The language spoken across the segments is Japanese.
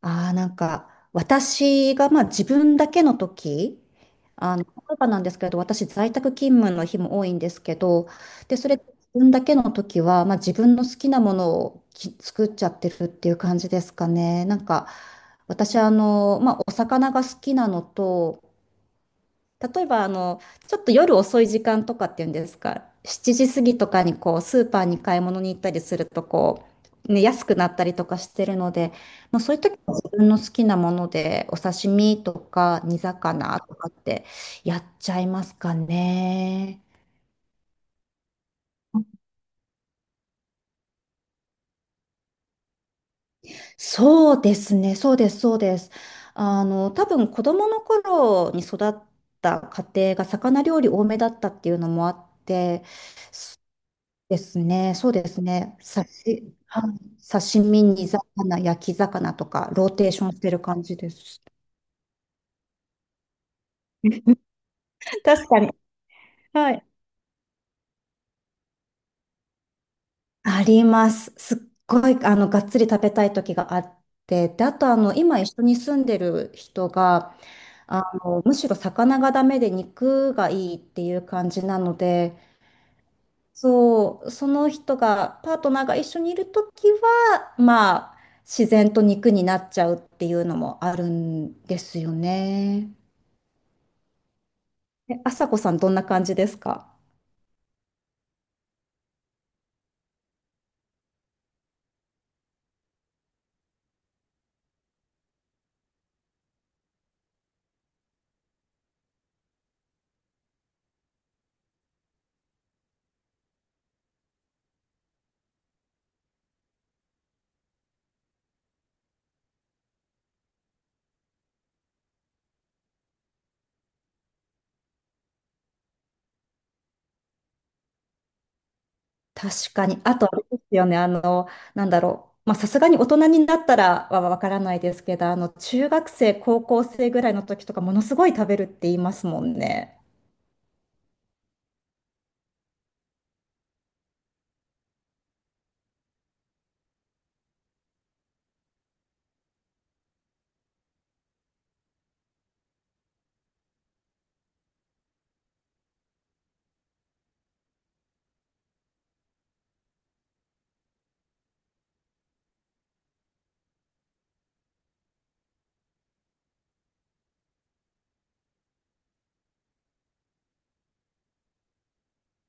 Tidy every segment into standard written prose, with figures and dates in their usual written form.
ああ、なんか、私が、まあ、自分だけの時、例えばなんですけど、私、在宅勤務の日も多いんですけど、で、それ、自分だけの時は、まあ、自分の好きなものを作っちゃってるっていう感じですかね。なんか、私、まあ、お魚が好きなのと、例えば、ちょっと夜遅い時間とかっていうんですか、7時過ぎとかにこう、スーパーに買い物に行ったりすると、こう、ね、安くなったりとかしてるので、まあ、そういう時は自分の好きなもので、お刺身とか煮魚とかってやっちゃいますかね。そうですね、そうです、そうです。多分子供の頃に育った家庭が魚料理多めだったっていうのもあって、ですね。そうですね。はい、刺身、煮魚、焼き魚とか、ローテーションしてる感じです。確かに。はい。あります。すっごい、がっつり食べたい時があって、で、あと、今一緒に住んでる人が、むしろ魚がダメで肉がいいっていう感じなので、そう、その人が、パートナーが一緒にいるときは、まあ、自然と肉になっちゃうっていうのもあるんですよね。え、あさこさん、どんな感じですか？確かに。あと、あれですよね、なんだろう。まあ、さすがに大人になったらはわからないですけど、中学生、高校生ぐらいの時とか、ものすごい食べるって言いますもんね。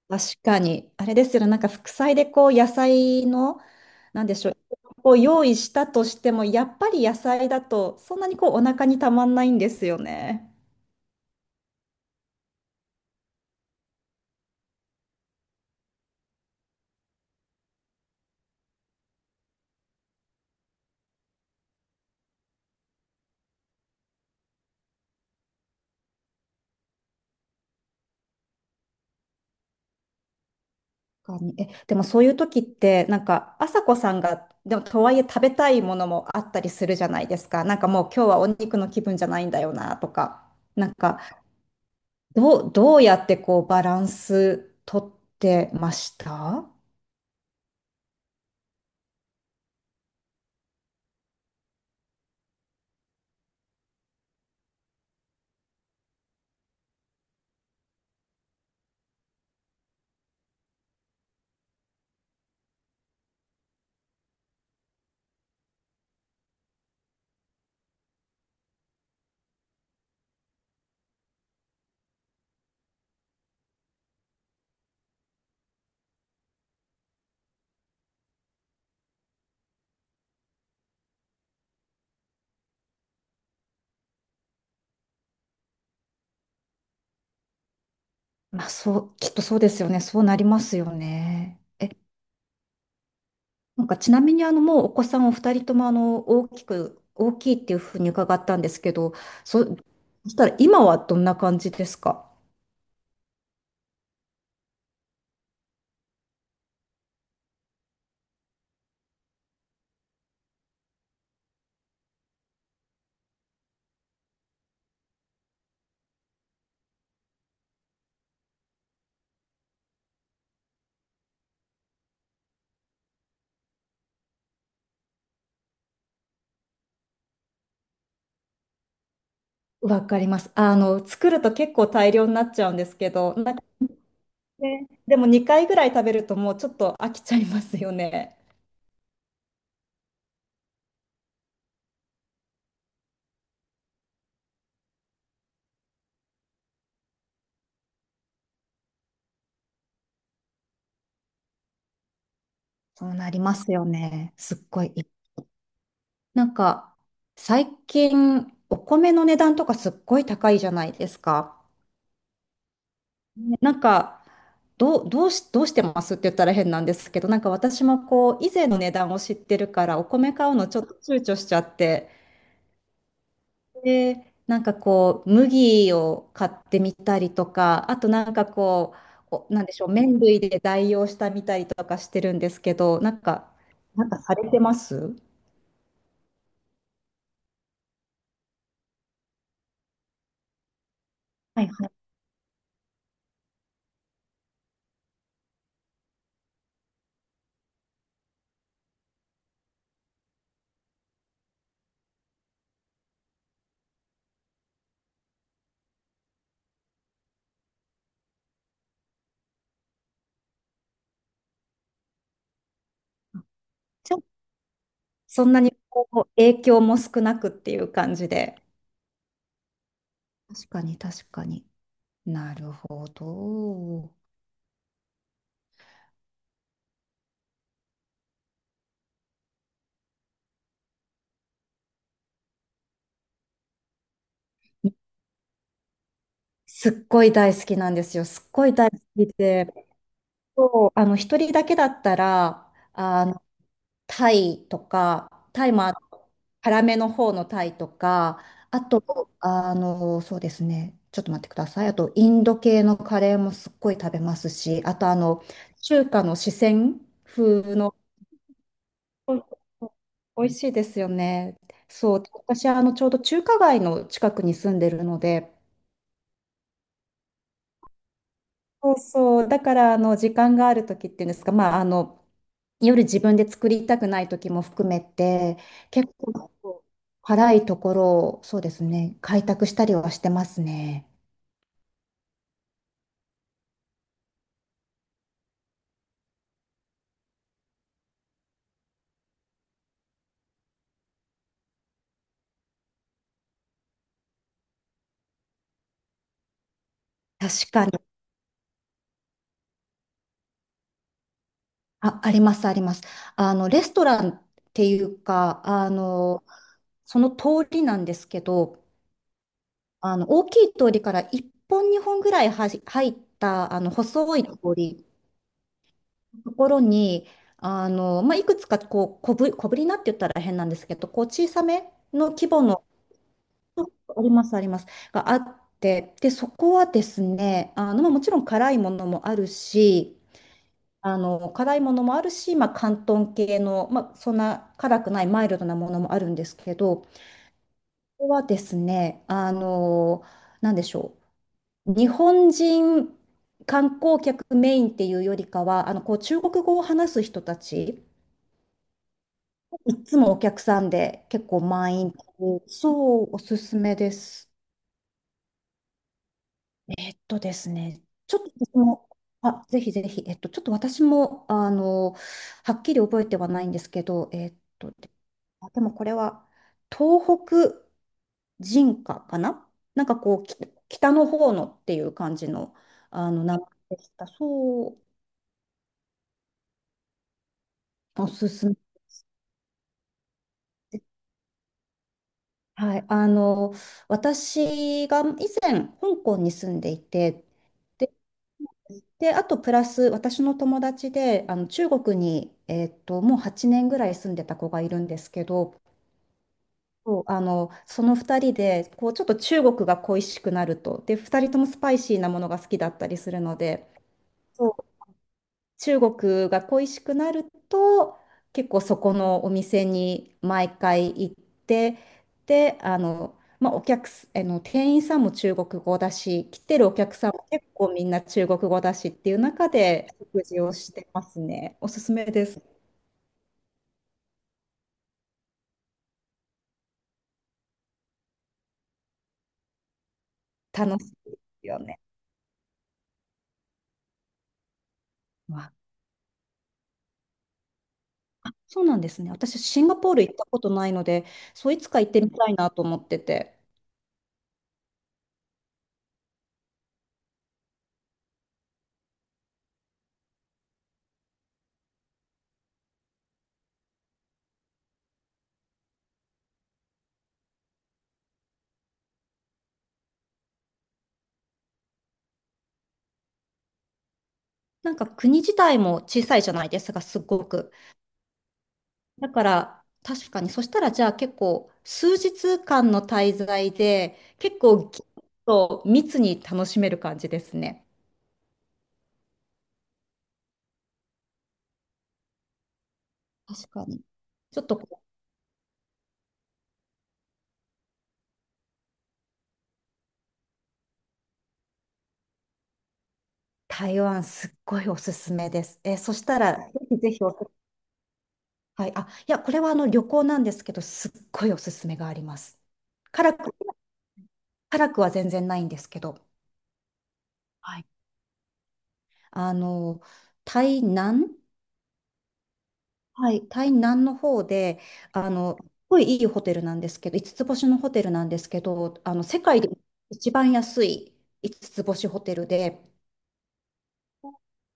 確かに。あれですよね、なんか副菜でこう野菜の、なんでしょう、こう用意したとしても、やっぱり野菜だとそんなにこうお腹にたまんないんですよね。確かに。え、でもそういう時って、なんか、朝子さんが、でもとはいえ食べたいものもあったりするじゃないですか。なんかもう今日はお肉の気分じゃないんだよなとか。なんか、どうやってこうバランス取ってました？まあそう、きっとそうですよね。そうなりますよね。なんかちなみにあのもうお子さんお二人ともあの大きいっていうふうに伺ったんですけど、そ、そしたら今はどんな感じですか？わかります。あの作ると結構大量になっちゃうんですけど、なんかね、でも2回ぐらい食べるともうちょっと飽きちゃいますよね。そうなりますよね。すっごい。なんか最近お米の値段とかすっごい高いじゃないですか。ねなんか、どうしてますって言ったら変なんですけど、なんか私もこう、以前の値段を知ってるから、お米買うのちょっと躊躇しちゃって、で、なんかこう、麦を買ってみたりとか、あとなんかこう、なんでしょう、麺類で代用したみたりとかしてるんですけど、なんか、なんかされてます？はいはい。ちょ、そんなにこう、影響も少なくっていう感じで。確かに、確かに。なるほど。すっごい大好きなんですよ。すっごい大好きで、そう、一人だけだったら、タイとか、タイも辛めの方のタイとか、あと、そうですね、ちょっと待ってください。あと、インド系のカレーもすっごい食べますし、あと、中華の四川風の、そうそう美味しいですよね。そう、私、ちょうど中華街の近くに住んでるので、そうそう。だから、時間がある時っていうんですか、まあ、夜自分で作りたくない時も含めて、結構、辛いところを、そうですね、開拓したりはしてますね。確かに。あ、あります、あります。レストランっていうか、その通りなんですけど、大きい通りから1本、2本ぐらい入った、細い通りところに、まあ、いくつかこう小ぶりなって言ったら変なんですけど、こう小さめの規模の、あります、あります、があって、で、そこはですね、まあ、もちろん辛いものもあるし、辛いものもあるし、まあ、広東系の、まあ、そんな辛くないマイルドなものもあるんですけど、ここはですね、なんでしょう、日本人観光客メインっていうよりかは、こう中国語を話す人たち、いっつもお客さんで結構満員そう、おすすめです。えっとですね、ちょっと私も、あ、ぜひぜひ、ちょっと私も、はっきり覚えてはないんですけど、あでもこれは、東北人歌かななんかこう、北の方のっていう感じの、名前でした。そう、おすすめです。はい、私が以前、香港に住んでいて、でで、あとプラス私の友達で中国に、もう8年ぐらい住んでた子がいるんですけど、そうその2人でこうちょっと中国が恋しくなると、で2人ともスパイシーなものが好きだったりするので、そう中国が恋しくなると結構そこのお店に毎回行ってでまあ、お客すあの店員さんも中国語だし来てるお客さんも結構みんな中国語だしっていう中で食事をしてますね。おすすめです。楽しいですよね。わあそうなんですね。私シンガポール行ったことないのでそういつか行ってみたいなと思ってて。なんか国自体も小さいじゃないですか、すっごく。だから、確かに、そしたらじゃあ結構、数日間の滞在で、結構ぎゅっと密に楽しめる感じですね。確かに。ちょっとこう台湾すっごいおすすめです。そしたら、ぜひぜひはい、あ、いや、これはあの旅行なんですけど、すっごいおすすめがあります。辛く、辛くは全然ないんですけど、はい。あの、台南はい、台南の方で、すごいいいホテルなんですけど、五つつ星のホテルなんですけど、世界で一番安い五つつ星ホテルで、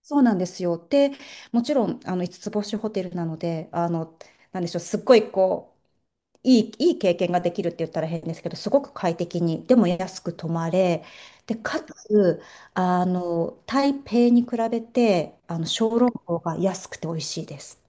そうなんですよ。で、もちろん、5つつ星ホテルなので、なんでしょう、すっごいこう、いい経験ができるって言ったら変ですけど、すごく快適に、でも安く泊まれ、で、かつ、台北に比べて、小籠包が安くて美味しいです。